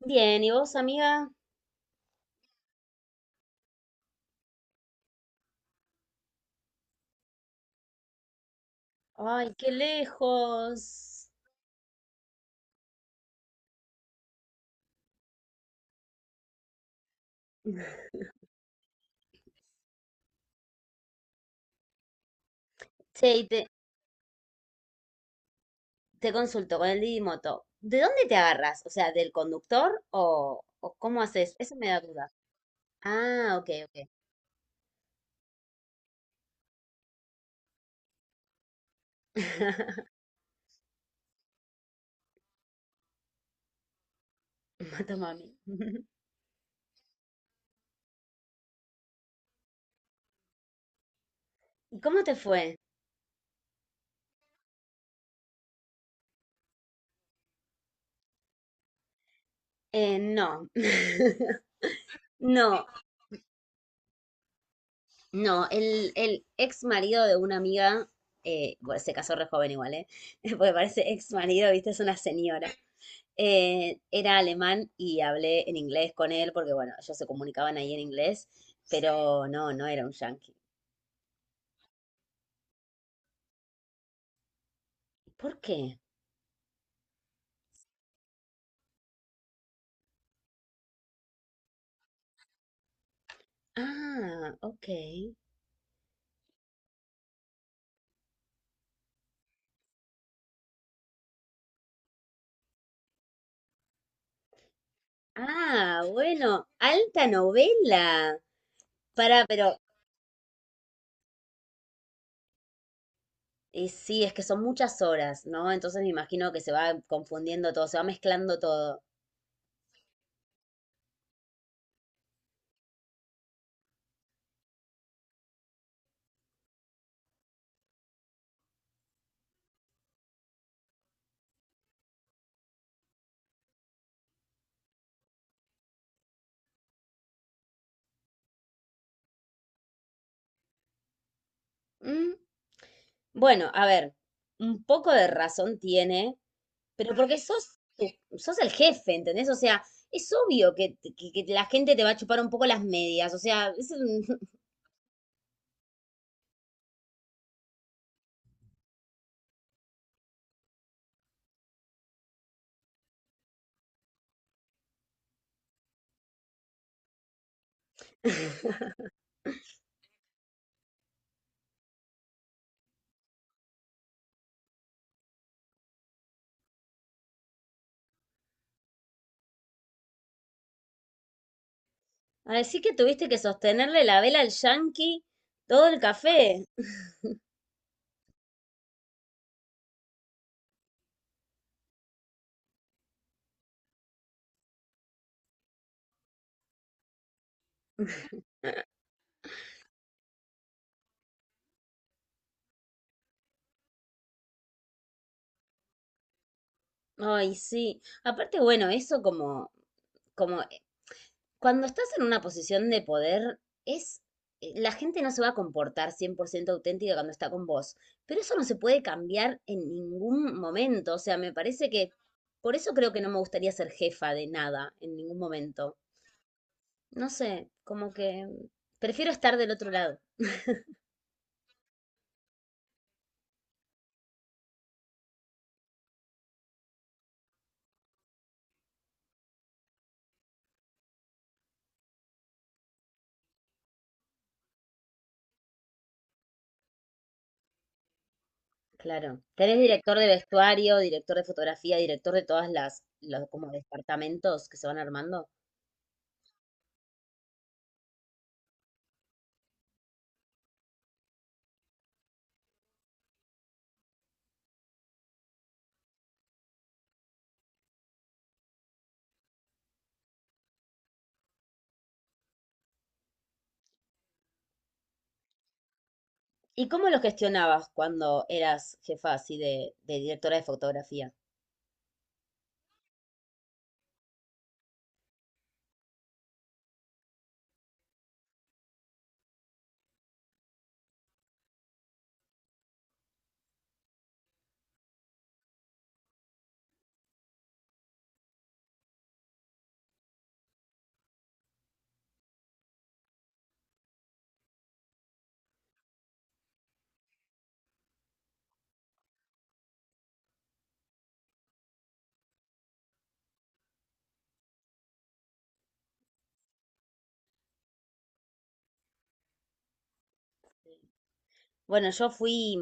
Bien, ¿y vos, amiga? Ay, qué lejos. Che, y te consulto con el Didi Moto. ¿De dónde te agarras? O sea, ¿del conductor o cómo haces? Eso me da duda. Ah, ok, ok. Mato mami. ¿Y cómo te fue? No. No, no. El ex marido de una amiga, bueno, se casó re joven igual, ¿eh? Porque parece ex marido, viste, es una señora. Era alemán y hablé en inglés con él porque, bueno, ellos se comunicaban ahí en inglés, pero no, no era un yanqui. ¿Por qué? Ah, ok. Ah, bueno, alta novela. Para, pero sí, es que son muchas horas, ¿no? Entonces me imagino que se va confundiendo todo, se va mezclando todo. Mm, Bueno, a ver, un poco de razón tiene, pero porque sos, sos el jefe, ¿entendés? O sea, es obvio que, que la gente te va a chupar un poco las medias, o sea, es un- Así que tuviste que sostenerle la vela al yankee todo el café. Ay, sí. Aparte, bueno, eso como, como cuando estás en una posición de poder, es, la gente no se va a comportar 100% auténtica cuando está con vos, pero eso no se puede cambiar en ningún momento, o sea, me parece que por eso creo que no me gustaría ser jefa de nada en ningún momento. No sé, como que prefiero estar del otro lado. Claro. Tenés director de vestuario, director de fotografía, director de todas las los como departamentos que se van armando. ¿Y cómo lo gestionabas cuando eras jefa así de directora de fotografía? Bueno,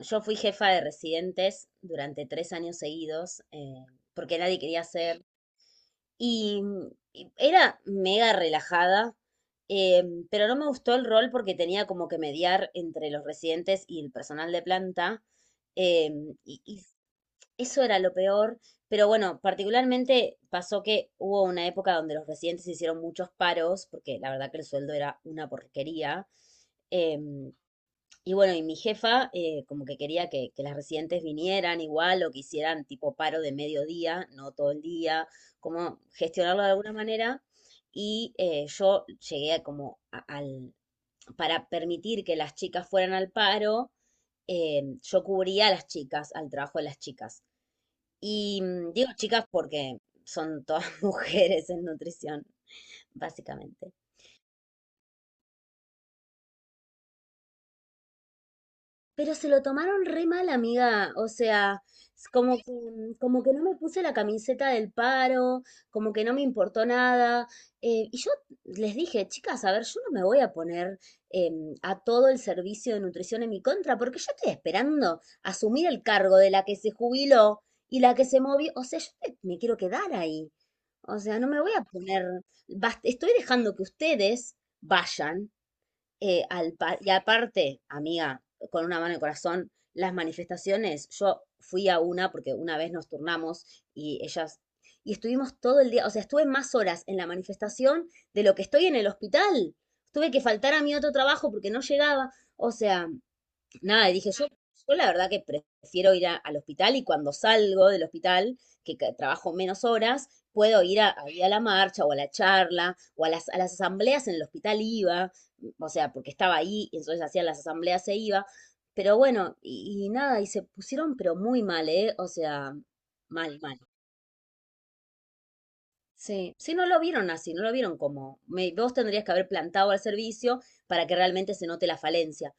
yo fui jefa de residentes durante 3 años seguidos, porque nadie quería ser. Y y era mega relajada, pero no me gustó el rol porque tenía como que mediar entre los residentes y el personal de planta. Y, y eso era lo peor. Pero bueno, particularmente pasó que hubo una época donde los residentes hicieron muchos paros, porque la verdad que el sueldo era una porquería. em, y bueno, y mi jefa, como que quería que las residentes vinieran igual o que hicieran tipo paro de mediodía, no todo el día, como gestionarlo de alguna manera. Y yo llegué a como al, para permitir que las chicas fueran al paro, yo cubría a las chicas, al trabajo de las chicas. Y digo chicas porque son todas mujeres en nutrición, básicamente. Pero se lo tomaron re mal, amiga. O sea, es como que no me puse la camiseta del paro, como que no me importó nada. Y yo les dije, chicas, a ver, yo no me voy a poner, a todo el servicio de nutrición en mi contra, porque yo estoy esperando asumir el cargo de la que se jubiló y la que se movió. O sea, yo me quiero quedar ahí. O sea, no me voy a poner, estoy dejando que ustedes vayan, y aparte, amiga, con una mano en el corazón, las manifestaciones, yo fui a una porque una vez nos turnamos y ellas, y estuvimos todo el día, o sea, estuve más horas en la manifestación de lo que estoy en el hospital. Tuve que faltar a mi otro trabajo porque no llegaba. O sea, nada, y dije, yo la verdad que prefiero ir al hospital y cuando salgo del hospital, que, trabajo menos horas, puedo ir a, ahí a la marcha o a la charla o a las asambleas en el hospital iba, o sea, porque estaba ahí, entonces hacía las asambleas se iba, pero bueno, y nada, y se pusieron pero muy mal, ¿eh? O sea, mal, mal. Sí, sí, no lo vieron así, no lo vieron como, vos tendrías que haber plantado al servicio para que realmente se note la falencia.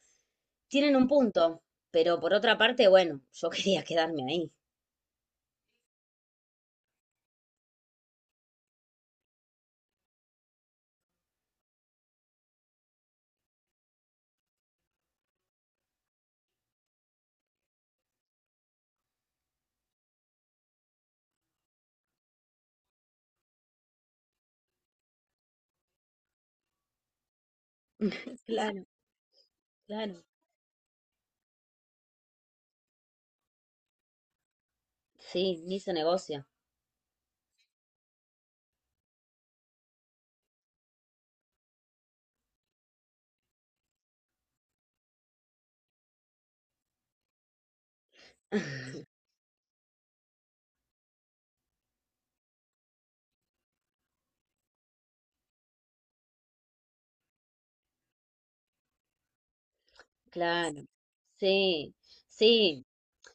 Tienen un punto, pero por otra parte, bueno, yo quería quedarme ahí. Claro, claro. Sí, ni se negocia. Claro. Sí, sí,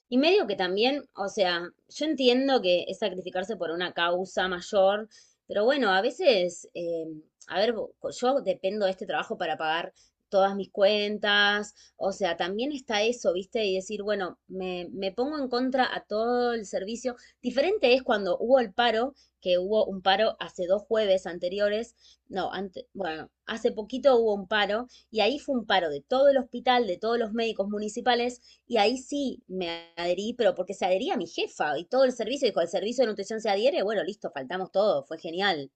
y medio que también, o sea, yo entiendo que es sacrificarse por una causa mayor, pero bueno, a veces, a ver, yo dependo de este trabajo para pagar todas mis cuentas, o sea, también está eso, ¿viste? Y decir, bueno, me pongo en contra a todo el servicio. Diferente es cuando hubo el paro, que hubo un paro hace 2 jueves anteriores, no, bueno, hace poquito hubo un paro y ahí fue un paro de todo el hospital, de todos los médicos municipales y ahí sí me adherí, pero porque se adhería mi jefa y todo el servicio, dijo, el servicio de nutrición se adhiere, bueno, listo, faltamos todo, fue genial.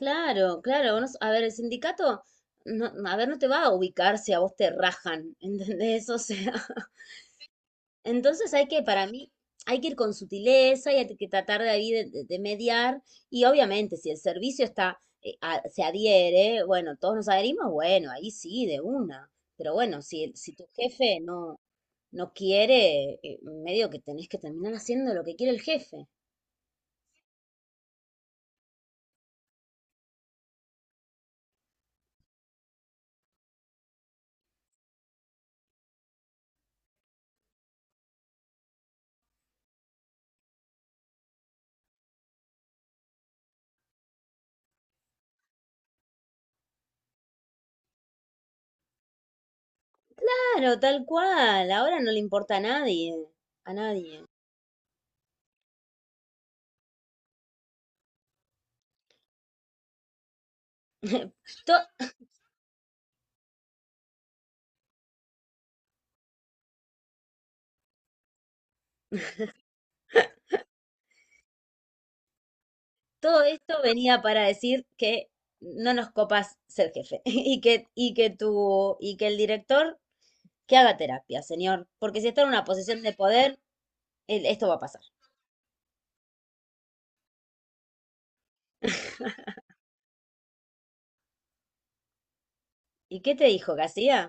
Claro, claro, no, a ver, el sindicato, no, a ver, no te va a ubicar si a vos te rajan, ¿entendés? O sea, entonces hay que, para mí, hay que ir con sutileza y hay que tratar de ahí de, de mediar. Y obviamente, si el servicio está, se adhiere, bueno, todos nos adherimos, bueno, ahí sí, de una. Pero bueno, si, si tu jefe no, no quiere, medio que tenés que terminar haciendo lo que quiere el jefe. Claro, tal cual, ahora no le importa a nadie, a nadie. To- Todo esto venía para decir que no nos copas ser jefe y que, y que el director que haga terapia, señor, porque si está en una posición de poder, esto va a pasar. ¿Y qué te dijo que hacía?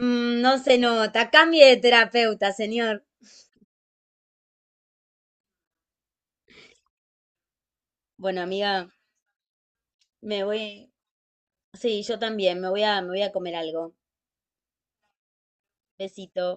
"Mm, no se nota, cambie de terapeuta, señor. Bueno, amiga, me voy. Sí, yo también, me voy a comer algo. Besito.